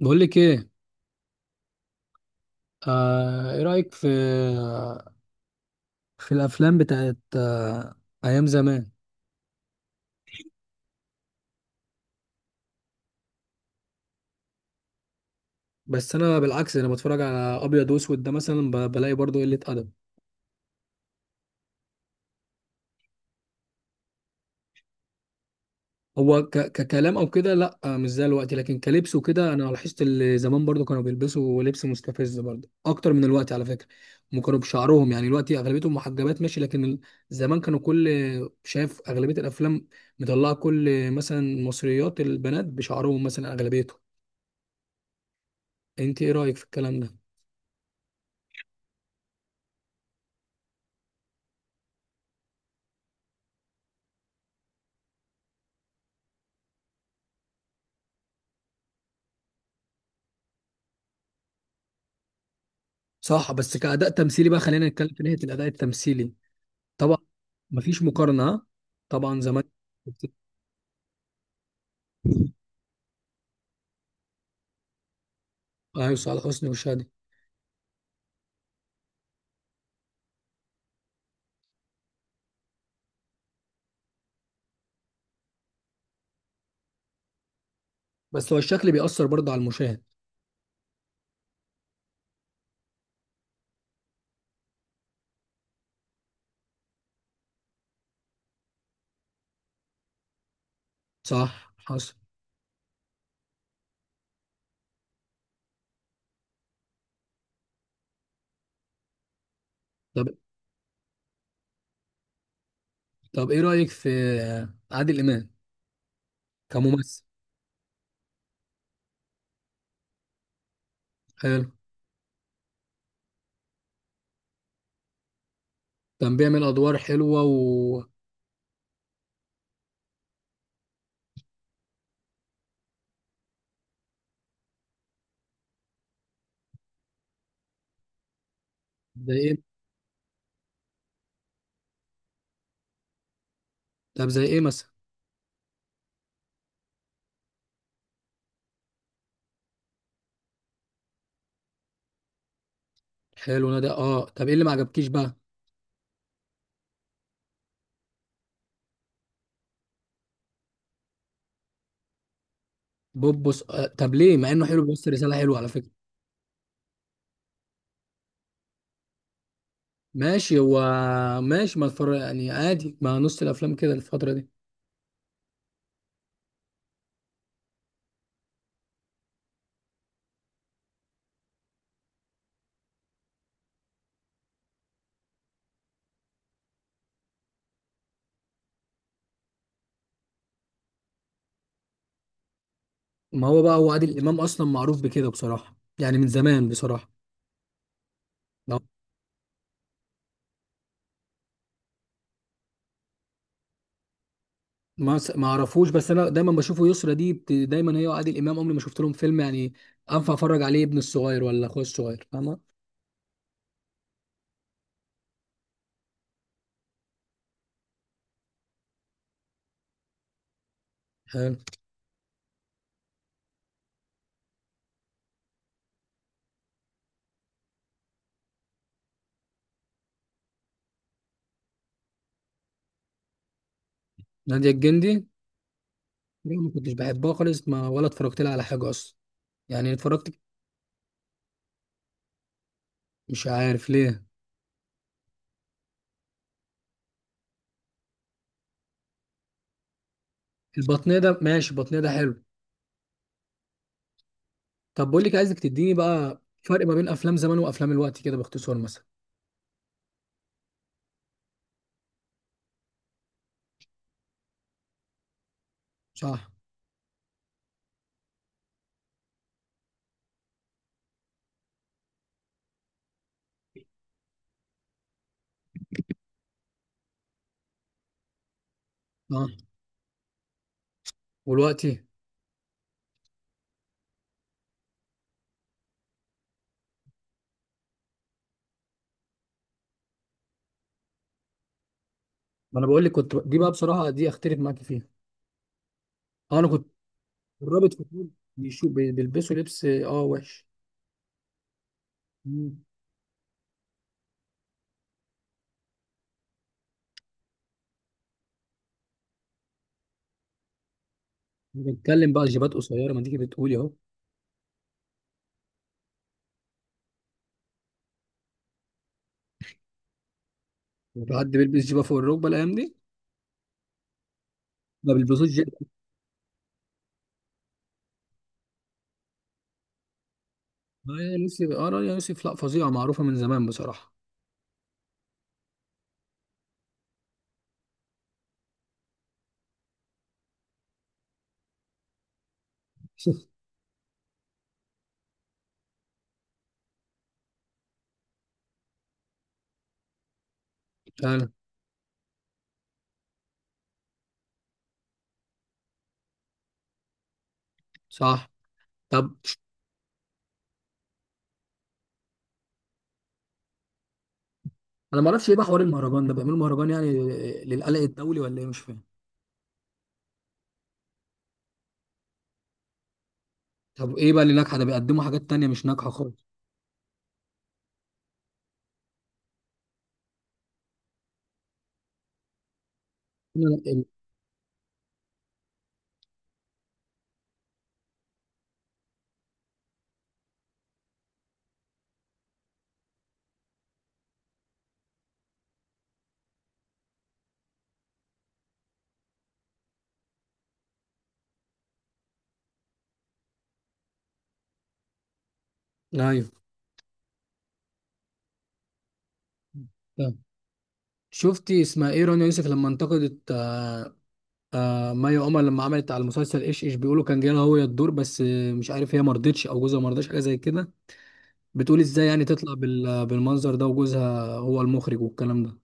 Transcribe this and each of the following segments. بقول لك ايه. ايه رايك في الافلام بتاعت ايام زمان؟ بس انا بالعكس، انا بتفرج على ابيض واسود ده مثلا، بلاقي برضو قله ادب. هو ك ككلام او كده لا مش زي الوقت، لكن كلبس وكده انا لاحظت اللي زمان برضو كانوا بيلبسوا لبس مستفز برضو اكتر من الوقت على فكره. هم كانوا بشعرهم، يعني الوقت اغلبيتهم محجبات ماشي، لكن زمان كانوا كل شايف اغلبيه الافلام مطلعه كل مثلا مصريات البنات بشعرهم مثلا اغلبيتهم. انت ايه رايك في الكلام ده؟ صح، بس كأداء تمثيلي بقى خلينا نتكلم في ناحية الأداء التمثيلي. طبعا. مفيش مقارنة، ها؟ طبعا زمان. ايوه صالح حسني وشادي. بس هو الشكل بيأثر برضه على المشاهد. صح حصل. طب طب ايه رأيك في عادل إمام كممثل؟ حلو. كان بيعمل ادوار حلوة و زي ايه؟ طب زي ايه مثلا؟ حلو نادي اه، طب ايه اللي ما عجبكيش بقى؟ بوبوس آه. طب ليه؟ مع انه حلو بيوصل رسالة حلوة على فكرة. ماشي هو، ماشي ما اتفرج يعني عادي مع نص الافلام كده الفترة دي. ما هو بقى هو عادل امام اصلا معروف بكده بصراحه، يعني من زمان بصراحه. ما ما اعرفوش، بس انا دايما بشوفه يسرا دي دايما هي وعادل امام عمري ما شفت لهم فيلم، يعني انفع اتفرج عليه ابن الصغير ولا اخويا الصغير، فاهمه؟ حلو. ناديه الجندي دي ما كنتش بحبها خالص، ما ولا اتفرجت لها على حاجه اصلا. يعني اتفرجت. مش عارف ليه. البطنيه ده ماشي، البطنيه ده حلو. طب بقول لك، عايزك تديني بقى فرق ما بين افلام زمان وافلام الوقت كده باختصار مثلا. صح. اه والوقت؟ ما انا بقول لك كنت، دي بقى بصراحه دي اختلف معاك فيها. اه انا كنت الرابط فطول بيشوف بيلبسوا لبس اه وحش. مم. أنا بتكلم بقى جيبات قصيره، ما تيجي بتقولي اهو. في حد بيلبس جيبه فوق الركبه الايام دي؟ ما بيلبسوش جيبه. آه يا يوسف، اه رانيا يوسف، لا فظيعه معروفه من زمان بصراحه. فعلا. صح. طب انا ما اعرفش ايه بقى حوار المهرجان ده؟ بيعملوا مهرجان، يعني للقلق الدولي ولا ايه؟ مش فاهم. طب ايه بقى اللي ناجحه ده؟ بيقدموا حاجات تانية مش ناجحه خالص. لا، لا، لا. ايوه. طب شفتي اسمها ايه رانيا يوسف لما انتقدت آه مي عمر لما عملت على المسلسل ايش ايش بيقولوا كان جاي لها هو الدور، بس مش عارف هي ما رضتش او جوزها ما رضاش حاجه زي كده. بتقول ازاي يعني تطلع بالمنظر ده وجوزها هو المخرج والكلام ده؟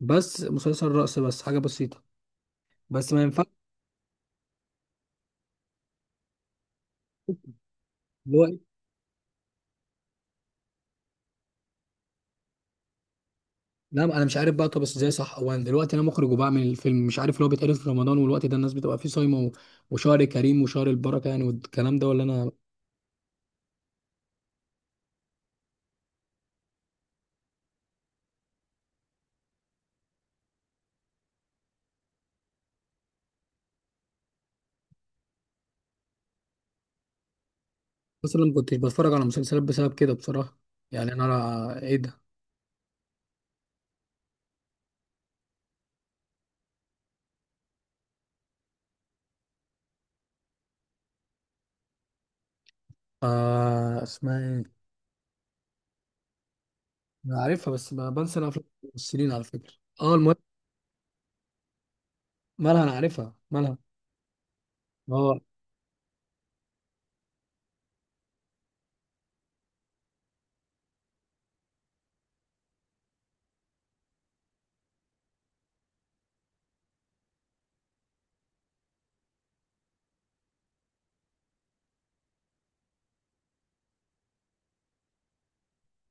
بس مسلسل رقص بس، حاجه بسيطه، بس ما ينفعش. دلوقتي لا، انا مش عارف بقى. طب بس ازاي؟ صح هو انا دلوقتي انا مخرج وبعمل الفيلم، مش عارف لو بيتعرض في رمضان والوقت ده الناس بتبقى فيه صايمه و وشهر كريم وشهر البركه، يعني والكلام ده ولا انا؟ اصلا ما كنتش بتفرج على مسلسلات بسبب كده بصراحه، يعني انا ايه ده. آه اسمها ايه. انا عارفها بس ما بنسى انا افلام الممثلين على فكره. اه المهم. مالها انا عارفها، مالها؟ اه.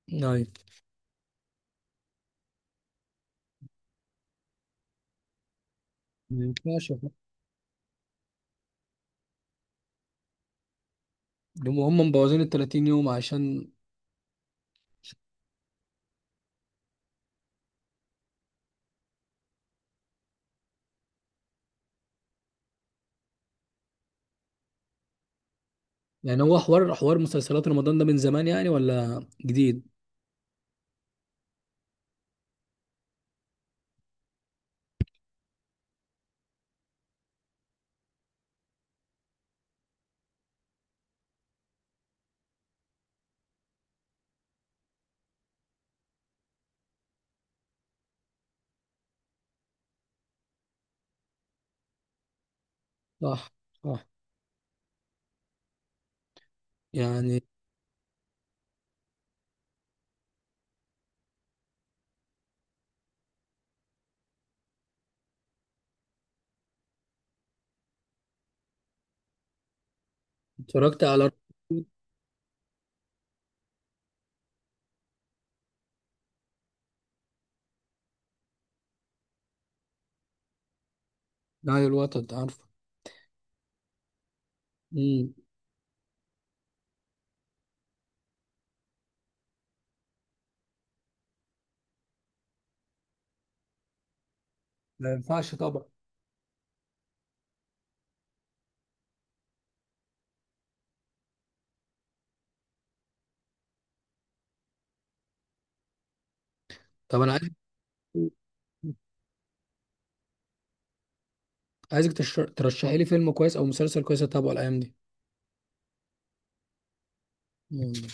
يعني ما ينفعش هم. هم مبوظين ال 30 يوم عشان. يعني هو حوار، حوار مسلسلات رمضان ده من زمان يعني ولا جديد؟ صح. صح. يعني اتفرجت على نهاية الوطن، عارفه. امم. ما ينفعش طبعا. طب انا عايز، عايزك ترشحي لي فيلم كويس او مسلسل كويس اتابعه الايام دي. مم.